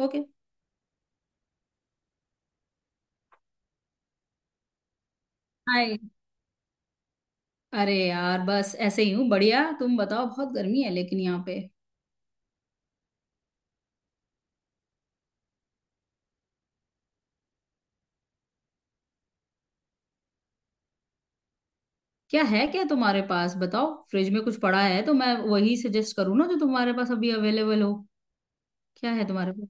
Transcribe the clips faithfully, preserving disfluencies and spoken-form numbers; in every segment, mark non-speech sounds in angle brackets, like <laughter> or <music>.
Okay. Hi. अरे यार, बस ऐसे ही हूँ। बढ़िया, तुम बताओ। बहुत गर्मी है लेकिन यहाँ पे। क्या है क्या तुम्हारे पास? बताओ, फ्रिज में कुछ पड़ा है तो मैं वही सजेस्ट करूँ ना जो तुम्हारे पास अभी अवेलेबल हो। क्या है तुम्हारे पास?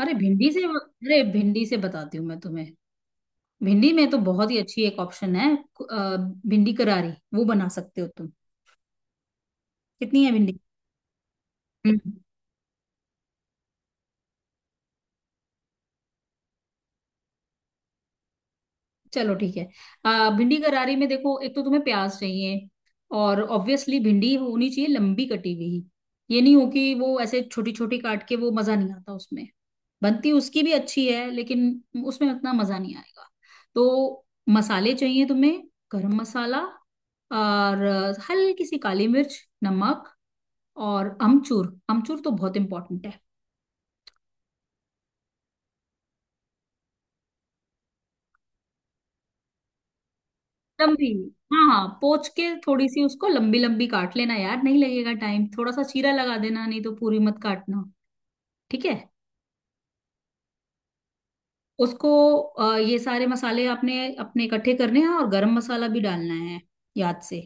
अरे भिंडी से अरे भिंडी से बताती हूँ मैं तुम्हें। भिंडी में तो बहुत ही अच्छी एक ऑप्शन है अ, भिंडी करारी। वो बना सकते हो तुम। कितनी है? भिंडी। चलो ठीक है। आ, भिंडी करारी में देखो, एक तो तुम्हें प्याज चाहिए, और ऑब्वियसली भिंडी होनी चाहिए लंबी कटी हुई। ये नहीं हो कि वो ऐसे छोटी छोटी काट के, वो मजा नहीं आता उसमें। बनती उसकी भी अच्छी है लेकिन उसमें उतना मजा नहीं आएगा। तो मसाले चाहिए तुम्हें। गरम मसाला, और हल्की सी काली मिर्च, नमक, और अमचूर। अमचूर तो बहुत इंपॉर्टेंट है। लंबी। हाँ हाँ, पोंछ के थोड़ी सी उसको लंबी लंबी काट लेना यार, नहीं लगेगा टाइम, थोड़ा सा चीरा लगा देना, नहीं तो पूरी मत काटना। ठीक है। उसको अ, ये सारे मसाले आपने अपने इकट्ठे करने हैं और गरम मसाला भी डालना है, याद से।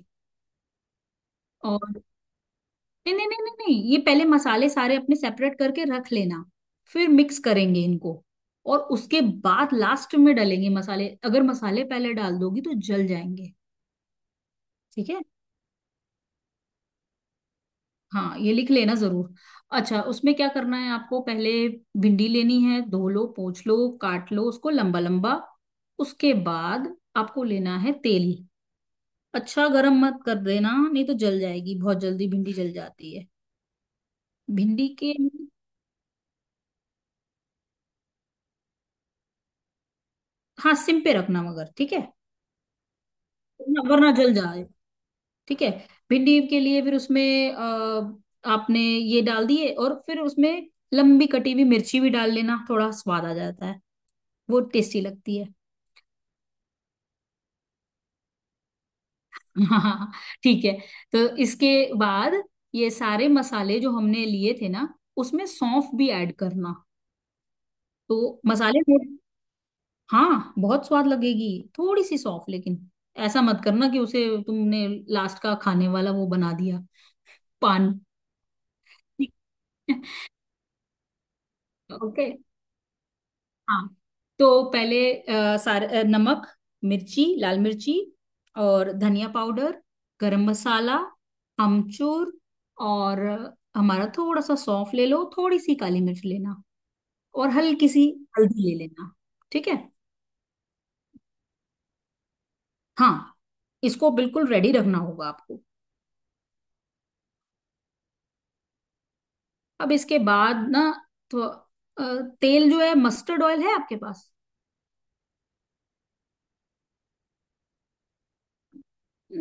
और, नहीं, नहीं, नहीं, नहीं, नहीं, ये पहले मसाले सारे अपने सेपरेट करके रख लेना, फिर मिक्स करेंगे इनको, और उसके बाद लास्ट में डालेंगे मसाले। अगर मसाले पहले डाल दोगी तो जल जाएंगे। ठीक है। हाँ, ये लिख लेना जरूर। अच्छा, उसमें क्या करना है आपको पहले। भिंडी लेनी है, धो लो, पोंछ लो, काट लो उसको लंबा लंबा। उसके बाद आपको लेना है तेल। अच्छा, गरम मत कर देना नहीं तो जल जाएगी, बहुत जल्दी भिंडी जल जाती है। भिंडी के। हाँ, सिम पे रखना मगर, ठीक है। वरना वरना जल जाए। ठीक है। भिंडी के लिए फिर उसमें अ, आपने ये डाल दिए और फिर उसमें लंबी कटी हुई मिर्ची भी डाल लेना, थोड़ा स्वाद आ जाता है, वो टेस्टी लगती है। <laughs> हाँ, ठीक है। तो इसके बाद ये सारे मसाले जो हमने लिए थे ना, उसमें सौंफ भी ऐड करना। तो मसाले में- हाँ, बहुत स्वाद लगेगी। थोड़ी सी सौंफ, लेकिन ऐसा मत करना कि उसे तुमने लास्ट का खाने वाला वो बना दिया, पान। <laughs> ओके। हाँ, तो पहले अ, सारे अ, नमक, मिर्ची, लाल मिर्ची, और धनिया पाउडर, गरम मसाला, अमचूर, और हमारा थोड़ा सा सौंफ ले लो, थोड़ी सी काली मिर्च लेना, और हल्की सी हल्दी ले लेना। ठीक है। हाँ, इसको बिल्कुल रेडी रखना होगा आपको। अब इसके बाद ना, तो अ, तेल जो है मस्टर्ड ऑयल है आपके पास।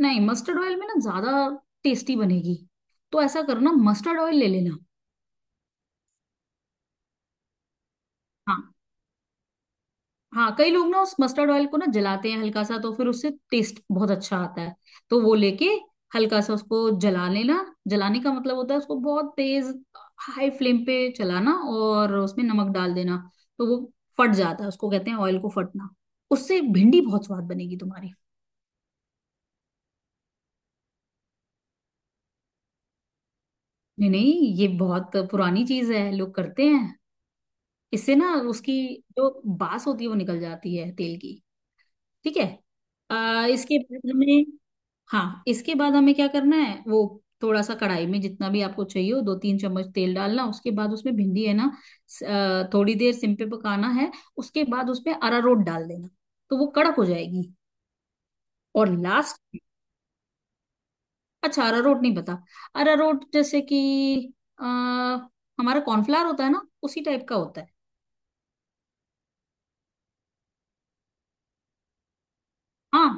नहीं, मस्टर्ड ऑयल में ना ज्यादा टेस्टी बनेगी, तो ऐसा करो ना, मस्टर्ड ऑयल ले लेना। हाँ, हाँ, कई लोग ना उस मस्टर्ड ऑयल को ना जलाते हैं हल्का सा, तो फिर उससे टेस्ट बहुत अच्छा आता है। तो वो लेके हल्का सा उसको जला लेना। जलाने का मतलब होता है उसको बहुत तेज हाई फ्लेम पे चलाना, और उसमें नमक डाल देना, तो वो फट जाता है। उसको कहते हैं ऑयल को फटना। उससे भिंडी बहुत स्वाद बनेगी तुम्हारी। नहीं, नहीं, ये बहुत पुरानी चीज है, लोग करते हैं। इससे ना उसकी जो बास होती है वो निकल जाती है तेल की। ठीक है। आ, इसके बाद हमें हाँ, इसके बाद हमें क्या करना है वो। थोड़ा सा कढ़ाई में, जितना भी आपको चाहिए हो दो तीन चम्मच तेल डालना, उसके बाद उसमें भिंडी है ना, स- अ, थोड़ी देर सिम पे पकाना है। उसके बाद उसमें अरारोट डाल देना, तो वो कड़क हो जाएगी। और लास्ट। अच्छा, अरारोट नहीं पता? अरारोट जैसे कि आ, हमारा कॉर्नफ्लावर होता है ना, उसी टाइप का होता है। हाँ।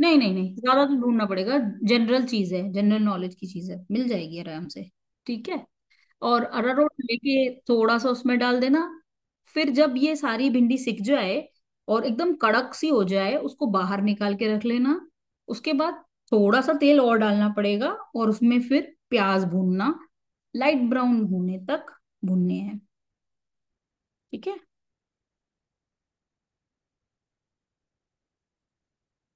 नहीं, नहीं, नहीं, ज्यादा तो ढूंढना पड़ेगा। जनरल चीज है, जनरल नॉलेज की चीज है, मिल जाएगी आराम से। ठीक है। और अरारोट लेके थोड़ा सा उसमें डाल देना। फिर जब ये सारी भिंडी सिक जाए और एकदम कड़क सी हो जाए, उसको बाहर निकाल के रख लेना। उसके बाद थोड़ा सा तेल और डालना पड़ेगा, और उसमें फिर प्याज भूनना, लाइट ब्राउन होने तक भूनने हैं। ठीक है।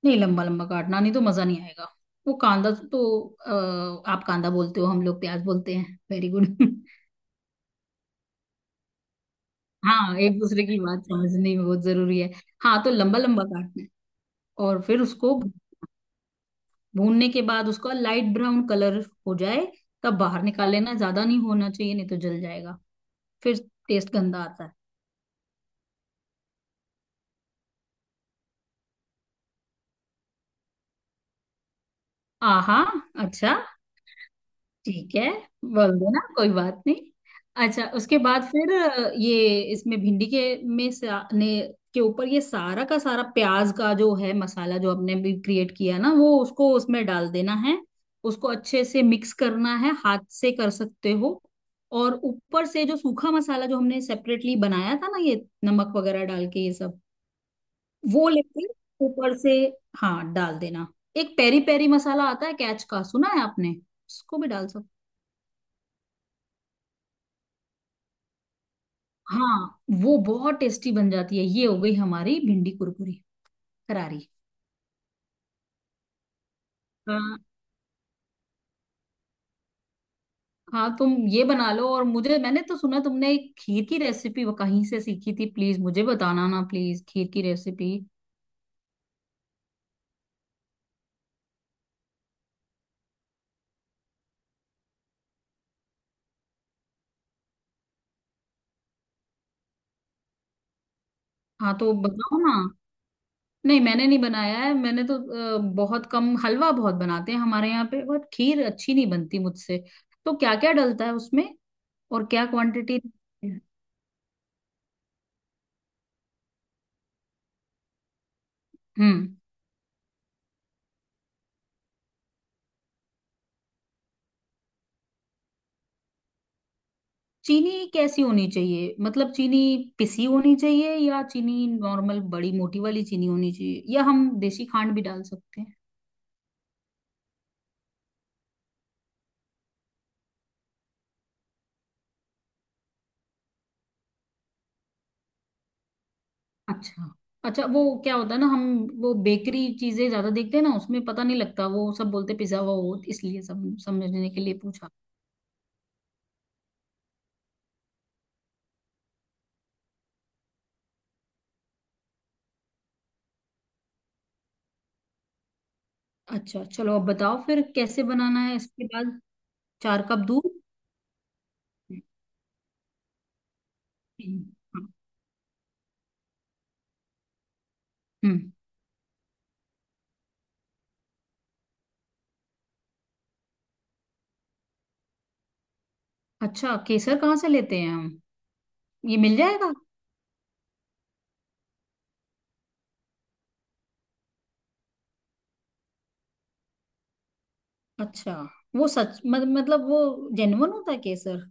नहीं, लंबा लंबा काटना नहीं तो मजा नहीं आएगा। वो कांदा तो अ, आप कांदा बोलते हो, हम लोग प्याज बोलते हैं। Very good. <laughs> हाँ, एक दूसरे की बात समझने में बहुत जरूरी है। हाँ, तो लंबा लंबा काटना है, और फिर उसको भूनने के बाद उसका लाइट ब्राउन कलर हो जाए, तब बाहर निकाल लेना। ज्यादा नहीं होना चाहिए नहीं तो जल जाएगा, फिर टेस्ट गंदा आता है। आहा। अच्छा, ठीक है, बोल देना, कोई बात नहीं। अच्छा, उसके बाद फिर अ, ये इसमें भिंडी के में सा, ने के ऊपर ये सारा का सारा प्याज का जो है मसाला जो आपने भी क्रिएट किया ना, वो उसको उसमें डाल देना है। उसको अच्छे से मिक्स करना है, हाथ से कर सकते हो। और ऊपर से जो सूखा मसाला जो हमने सेपरेटली बनाया था ना, ये नमक वगैरह डाल के ये सब वो लेके, ऊपर से, हाँ, डाल देना। एक पेरी पेरी मसाला आता है कैच का, सुना है आपने? उसको भी डाल सकते। हाँ, वो बहुत टेस्टी बन जाती है। ये हो गई हमारी भिंडी कुरकुरी करारी। हाँ, हाँ, तुम ये बना लो। और मुझे, मैंने तो सुना तुमने एक खीर की रेसिपी वो कहीं से सीखी थी, प्लीज मुझे बताना ना, प्लीज खीर की रेसिपी। हाँ, तो बताओ ना। नहीं, मैंने नहीं बनाया है, मैंने तो अ, बहुत कम। हलवा बहुत बनाते हैं हमारे यहाँ पे, बट खीर अच्छी नहीं बनती मुझसे। तो क्या क्या डलता है उसमें? और क्या क्वांटिटी? हम्म। चीनी कैसी होनी चाहिए? मतलब चीनी पिसी होनी चाहिए, या चीनी नॉर्मल बड़ी मोटी वाली चीनी होनी चाहिए, या हम देसी खांड भी डाल सकते हैं? अच्छा। अच्छा, वो क्या होता है ना, हम वो बेकरी चीजें ज्यादा देखते हैं ना, उसमें पता नहीं लगता, वो सब बोलते पिज्जा हुआ हो, इसलिए सब समझने के लिए पूछा। अच्छा, चलो, अब बताओ फिर कैसे बनाना है इसके बाद। चार कप दूध? हम्म। अच्छा, केसर कहाँ से लेते हैं हम? ये मिल जाएगा? अच्छा, वो सच मत, मतलब वो जेन्युइन होता है केसर?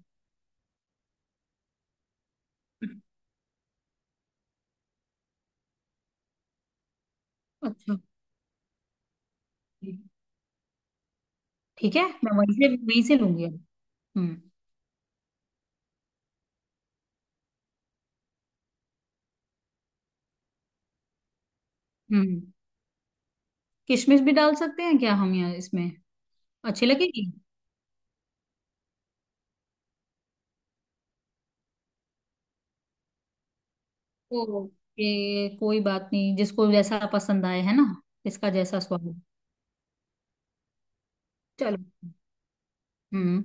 अच्छा, ठीक है, मैं वहीं से वहीं से लूंगी अब। हम्म, हम्म, किशमिश भी डाल सकते हैं क्या हम यहाँ इसमें? अच्छी लगेगी। ओके, कोई बात नहीं, जिसको जैसा पसंद आए, है ना। जिसका जैसा स्वाद हो। चलो। हम्म।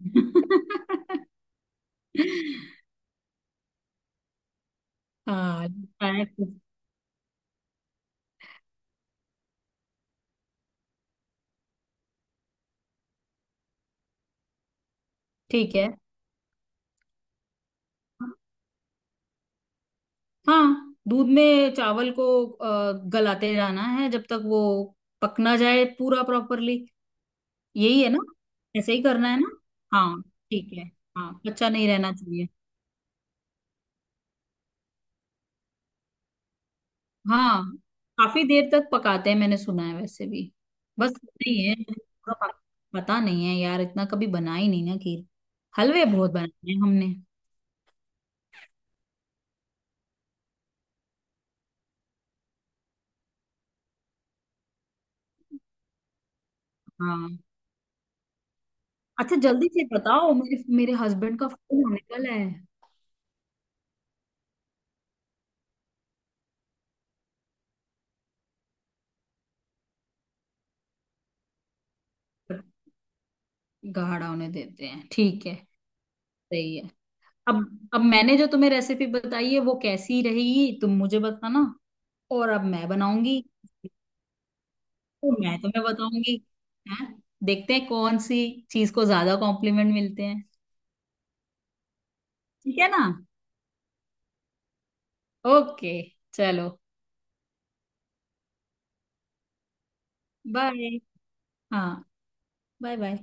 <laughs> हाँ, लगता है कुछ- ठीक है। हाँ, दूध में चावल को अ, गलाते जाना है जब तक वो पक ना जाए पूरा प्रॉपरली। यही है ना? ऐसे ही करना है ना? हाँ, ठीक है। हाँ, कच्चा नहीं रहना चाहिए। हाँ, काफी देर तक पकाते हैं मैंने सुना है वैसे भी। बस, नहीं है मुझे पूरा पक- पता नहीं है यार, इतना कभी बना ही नहीं ना खीर। हलवे बहुत बनाए हैं हमने। हाँ। अच्छा, जल्दी से बताओ, मेरे मेरे हस्बैंड का फोन आने वाला है। पर गाढ़ा होने देते हैं, ठीक है, सही है। अब अब मैंने जो तुम्हें रेसिपी बताई है वो कैसी रहेगी तुम मुझे बताना, और अब मैं बनाऊंगी, तो मैं तुम्हें बताऊंगी। हैं, देखते हैं कौन सी चीज को ज्यादा कॉम्प्लीमेंट मिलते हैं। ठीक है ना? ओके। चलो बाय। हाँ, बाय, बाय।